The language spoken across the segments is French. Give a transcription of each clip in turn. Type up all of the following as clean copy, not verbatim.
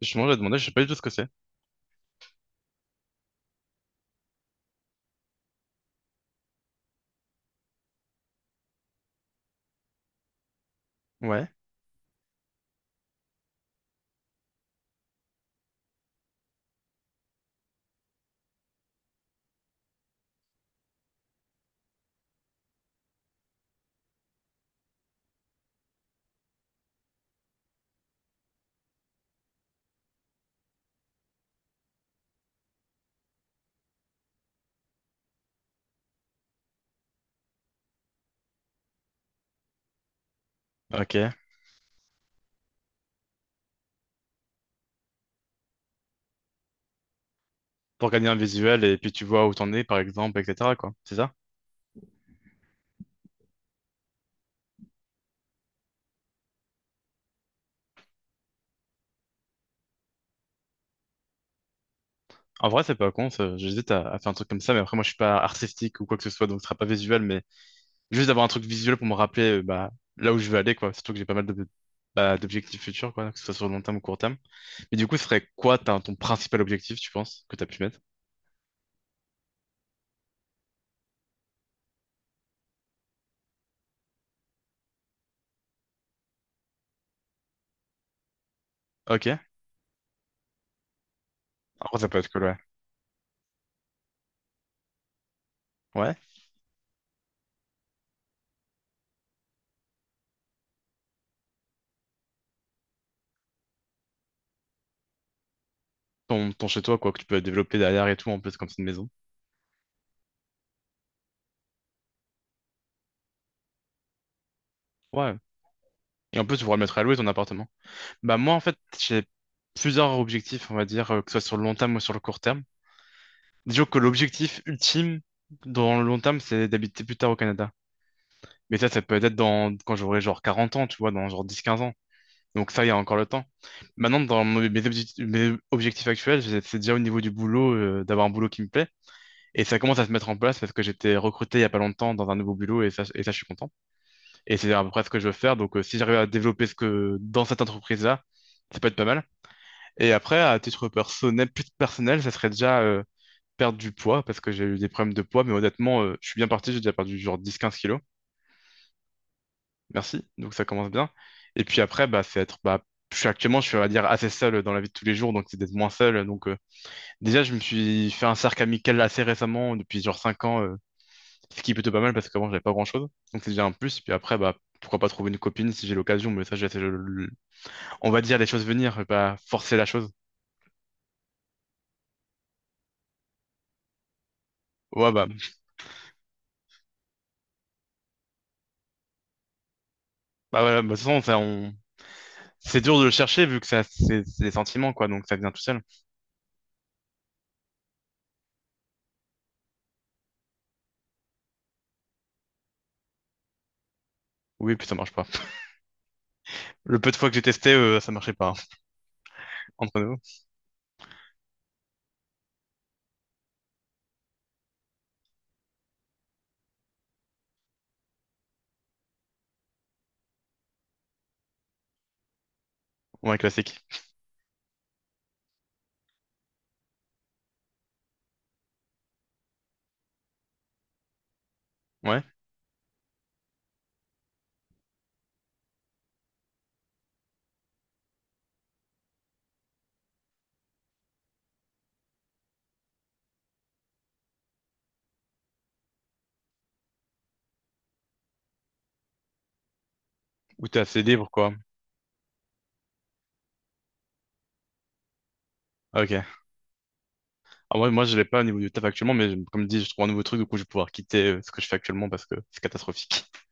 Je m'en ai demandé, je sais pas du tout ce que c'est. Ouais. Ok. Pour gagner un visuel et puis tu vois où t'en es, par exemple, etc. quoi. C'est ça? En vrai, c'est pas con, ça. J'hésite à faire un truc comme ça, mais après, moi, je suis pas artistique ou quoi que ce soit, donc ce sera pas visuel, mais juste d'avoir un truc visuel pour me rappeler, bah, là où je veux aller, quoi. Surtout que j'ai pas mal de, bah, d'objectifs futurs, quoi, que ce soit sur le long terme ou court terme. Mais du coup, ce serait quoi ton principal objectif, tu penses, que t'as pu mettre? Ok. En vrai, ça peut être cool, ouais. Ouais. Ton, ton chez-toi, quoi, que tu peux développer derrière et tout, en plus, comme c'est une maison. Ouais. Et en plus, tu pourras le mettre à louer ton appartement. Bah moi en fait j'ai plusieurs objectifs on va dire que ce soit sur le long terme ou sur le court terme. Disons que l'objectif ultime dans le long terme c'est d'habiter plus tard au Canada. Mais ça ça peut être dans quand j'aurai genre 40 ans, tu vois, dans genre 10-15 ans. Donc ça il y a encore le temps. Maintenant dans mes objectifs, mes objectifs actuels, c'est déjà au niveau du boulot d'avoir un boulot qui me plaît et ça commence à se mettre en place parce que j'étais recruté il y a pas longtemps dans un nouveau boulot et ça je suis content. Et c'est à peu près ce que je veux faire donc si j'arrive à développer ce que dans cette entreprise-là, ça peut être pas mal. Et après, à titre personnel, plus personnel, ça serait déjà perdre du poids, parce que j'ai eu des problèmes de poids, mais honnêtement, je suis bien parti, j'ai déjà perdu genre 10 15 kilos. Merci, donc ça commence bien. Et puis après, bah, c'est être, bah, je suis actuellement, je suis, on va dire, assez seul dans la vie de tous les jours, donc c'est d'être moins seul. Donc déjà, je me suis fait un cercle amical assez récemment, depuis genre 5 ans, ce qui est plutôt pas mal, parce qu'avant, j'avais pas grand-chose. Donc c'est déjà un plus. Puis après, bah, pourquoi pas trouver une copine si j'ai l'occasion, mais ça, je- on va dire les choses venir, et pas forcer la chose. Ouais, bah, bah voilà, bah, de toute façon, ça, on, c'est dur de le chercher vu que ça, c'est des sentiments, quoi, donc ça vient tout seul. Oui, puis ça marche pas. Le peu de fois que j'ai testé, ça marchait pas, hein, entre nous. Ouais, classique. Ouais. Ou t'es assez libre, quoi. Ah, ok. Ah, ouais, moi, je l'ai pas au niveau du taf actuellement, mais comme dit, je trouve un nouveau truc, du coup, je vais pouvoir quitter ce que je fais actuellement parce que c'est catastrophique.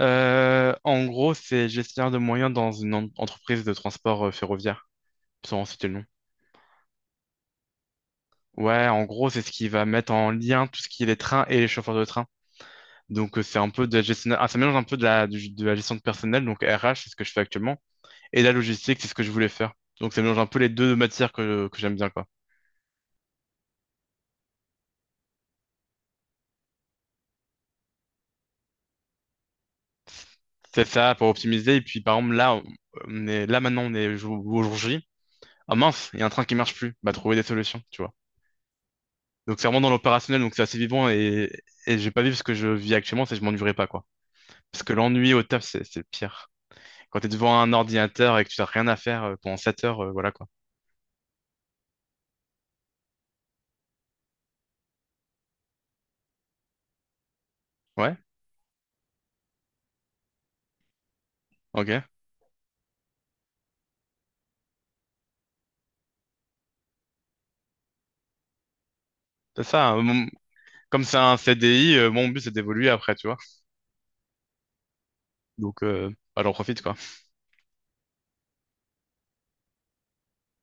En gros, c'est gestionnaire de moyens dans une entreprise de transport ferroviaire. Sans en citer le nom. Ouais, en gros, c'est ce qui va mettre en lien tout ce qui est les trains et les chauffeurs de train. Donc, c'est un peu de la gestion, ah, ça mélange un peu de la, de la gestion de personnel, donc RH, c'est ce que je fais actuellement, et la logistique, c'est ce que je voulais faire. Donc, ça mélange un peu les deux matières que j'aime bien, quoi. C'est ça, pour optimiser. Et puis, par exemple, là, on est, là, maintenant, on est au jour J. Ah mince, il y a un train qui marche plus. Bah, trouver des solutions, tu vois. Donc, c'est vraiment dans l'opérationnel, donc c'est assez vivant et j'ai pas vu ce que je vis actuellement, c'est que je m'ennuierai pas, quoi. Parce que l'ennui au taf, c'est pire. Quand tu es devant un ordinateur et que tu n'as rien à faire pendant 7 heures, voilà quoi. Ouais, ok. C'est ça. Comme c'est un CDI, mon but c'est d'évoluer après, tu vois. Donc, bah, j'en profite quoi.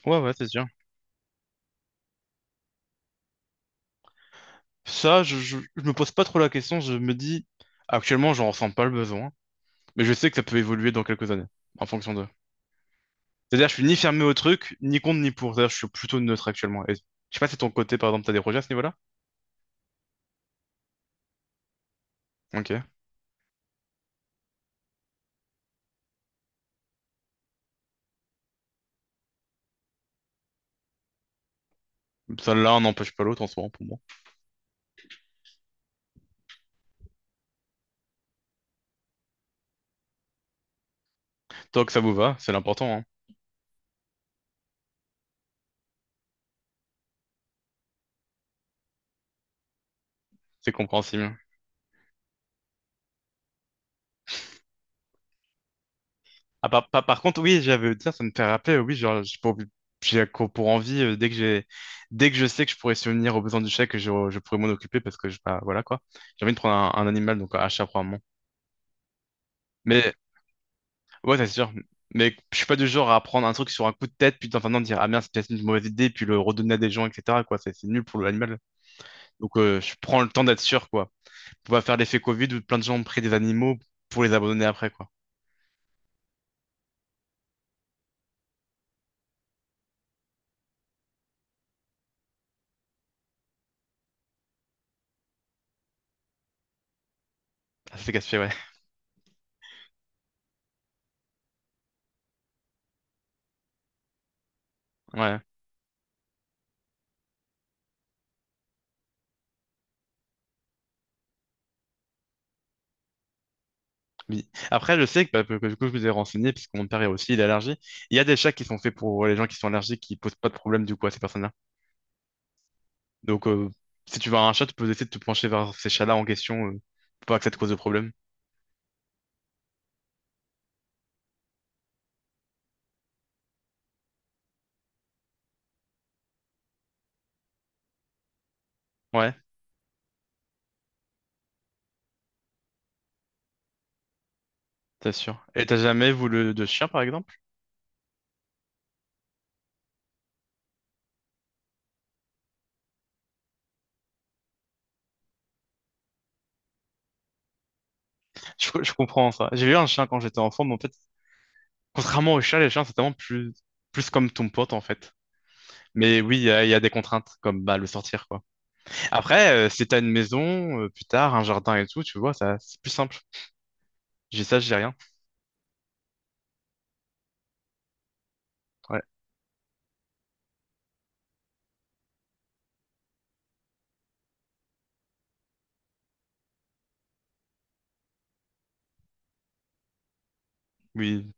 Ouais, ouais, c'est sûr. Ça, je me pose pas trop la question. Je me dis, actuellement, j'en ressens pas le besoin. Mais je sais que ça peut évoluer dans quelques années, en fonction de. C'est-à-dire, je suis ni fermé au truc, ni contre, ni pour. C'est-à-dire, je suis plutôt neutre actuellement. Et je sais pas si ton côté, par exemple, t'as des projets à ce niveau-là? Ok. Ça, l'un n'empêche pas l'autre en ce moment, pour moi. Tant que ça vous va, c'est l'important, hein. C'est compréhensible. Ah, par contre, oui, j'avais dire, ça me fait rappeler, oui, genre, j'ai pour, pour envie, dès que j'ai, dès que je sais que je pourrais subvenir aux besoins du chèque, je pourrais m'en occuper parce que, je, bah, voilà, quoi. J'ai envie de prendre un animal, donc un chat, probablement. Mais, ouais, c'est sûr. Mais je suis pas du genre à prendre un truc sur un coup de tête, puis enfin, non, dire, ah merde, c'est peut-être une mauvaise idée, puis le redonner à des gens, etc., quoi. C'est nul pour l'animal. Donc, je prends le temps d'être sûr, quoi. On va faire l'effet Covid où plein de gens ont pris des animaux pour les abandonner après, quoi. Ça, c'est casse-pied, ouais. Ouais. Oui. Après, je sais que, bah, que du coup, je vous ai renseigné, puisque mon père est aussi il est allergique. Il y a des chats qui sont faits pour ouais, les gens qui sont allergiques, qui posent pas de problème du coup à ces personnes-là. Donc, si tu vois un chat, tu peux essayer de te pencher vers ces chats-là en question, pour pas que ça te cause de problème. Ouais, t'es sûr. Et t'as jamais voulu de chien, par exemple? Je comprends ça. J'ai eu un chien quand j'étais enfant, mais en fait, contrairement aux chats, les chiens, c'est tellement plus, plus comme ton pote, en fait. Mais oui, il y a des contraintes, comme bah, le sortir, quoi. Après, si t'as une maison, plus tard, un jardin et tout, tu vois, ça, c'est plus simple. J'ai ça, j'ai rien. Ouais, oui,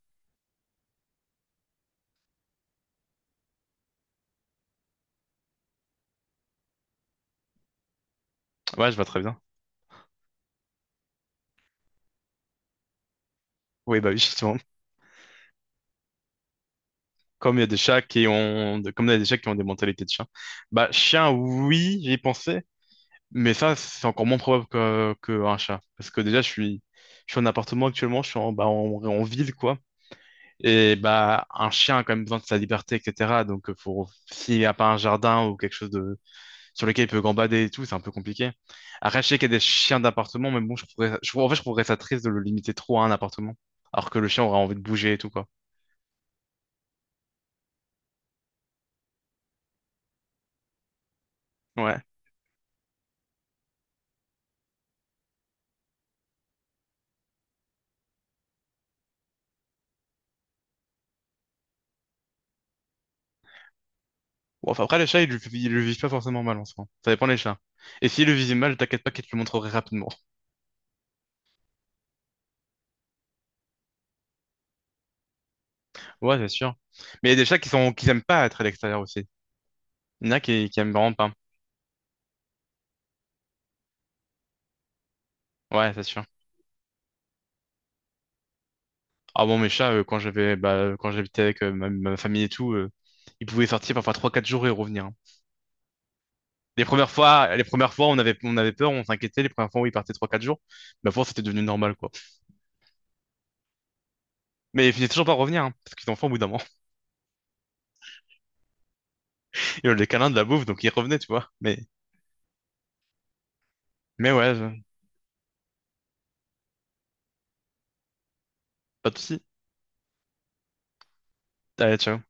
ouais, je vois très bien. Oui, bah oui, justement. Comme il y a des chats qui ont, comme il y a des chats qui ont des mentalités de chien. Bah, chien, oui, j'y ai pensé, mais ça, c'est encore moins probable que, qu'un chat. Parce que déjà, je suis en appartement actuellement, je suis en, bah, en, en ville, quoi. Et bah, un chien a quand même besoin de sa liberté, etc. Donc, faut, s'il n'y a pas un jardin ou quelque chose de, sur lesquels il peut gambader et tout, c'est un peu compliqué. Arracher qu'il y a des chiens d'appartement, mais bon, je trouverais, en fait, je trouverais ça triste de le limiter trop à un appartement, alors que le chien aurait envie de bouger et tout, quoi. Ouais. Bon, enfin, après, les chats, ils le vivent pas forcément mal en soi. Ça dépend des chats. Et s'ils le vivent mal, t'inquiète pas qu'ils te le montreraient rapidement. Ouais, c'est sûr. Mais il y a des chats qui sont, qui aiment pas être à l'extérieur aussi. Il y en a qui aiment vraiment pas. Ouais, c'est sûr. Ah bon, mes chats, quand j'avais, bah, quand j'habitais avec ma, ma famille et tout, ils pouvaient sortir parfois 3, 4 jours et revenir. Les premières fois, on avait peur, on s'inquiétait. Les premières fois où ils partaient 3 4 jours, bah, pour c'était devenu normal, quoi. Mais ils finissaient toujours par revenir, hein, parce qu'ils ont faim au bout d'un moment. Ils ont les câlins de la bouffe, donc ils revenaient, tu vois. Mais ouais, je- pas de soucis. Allez, ciao.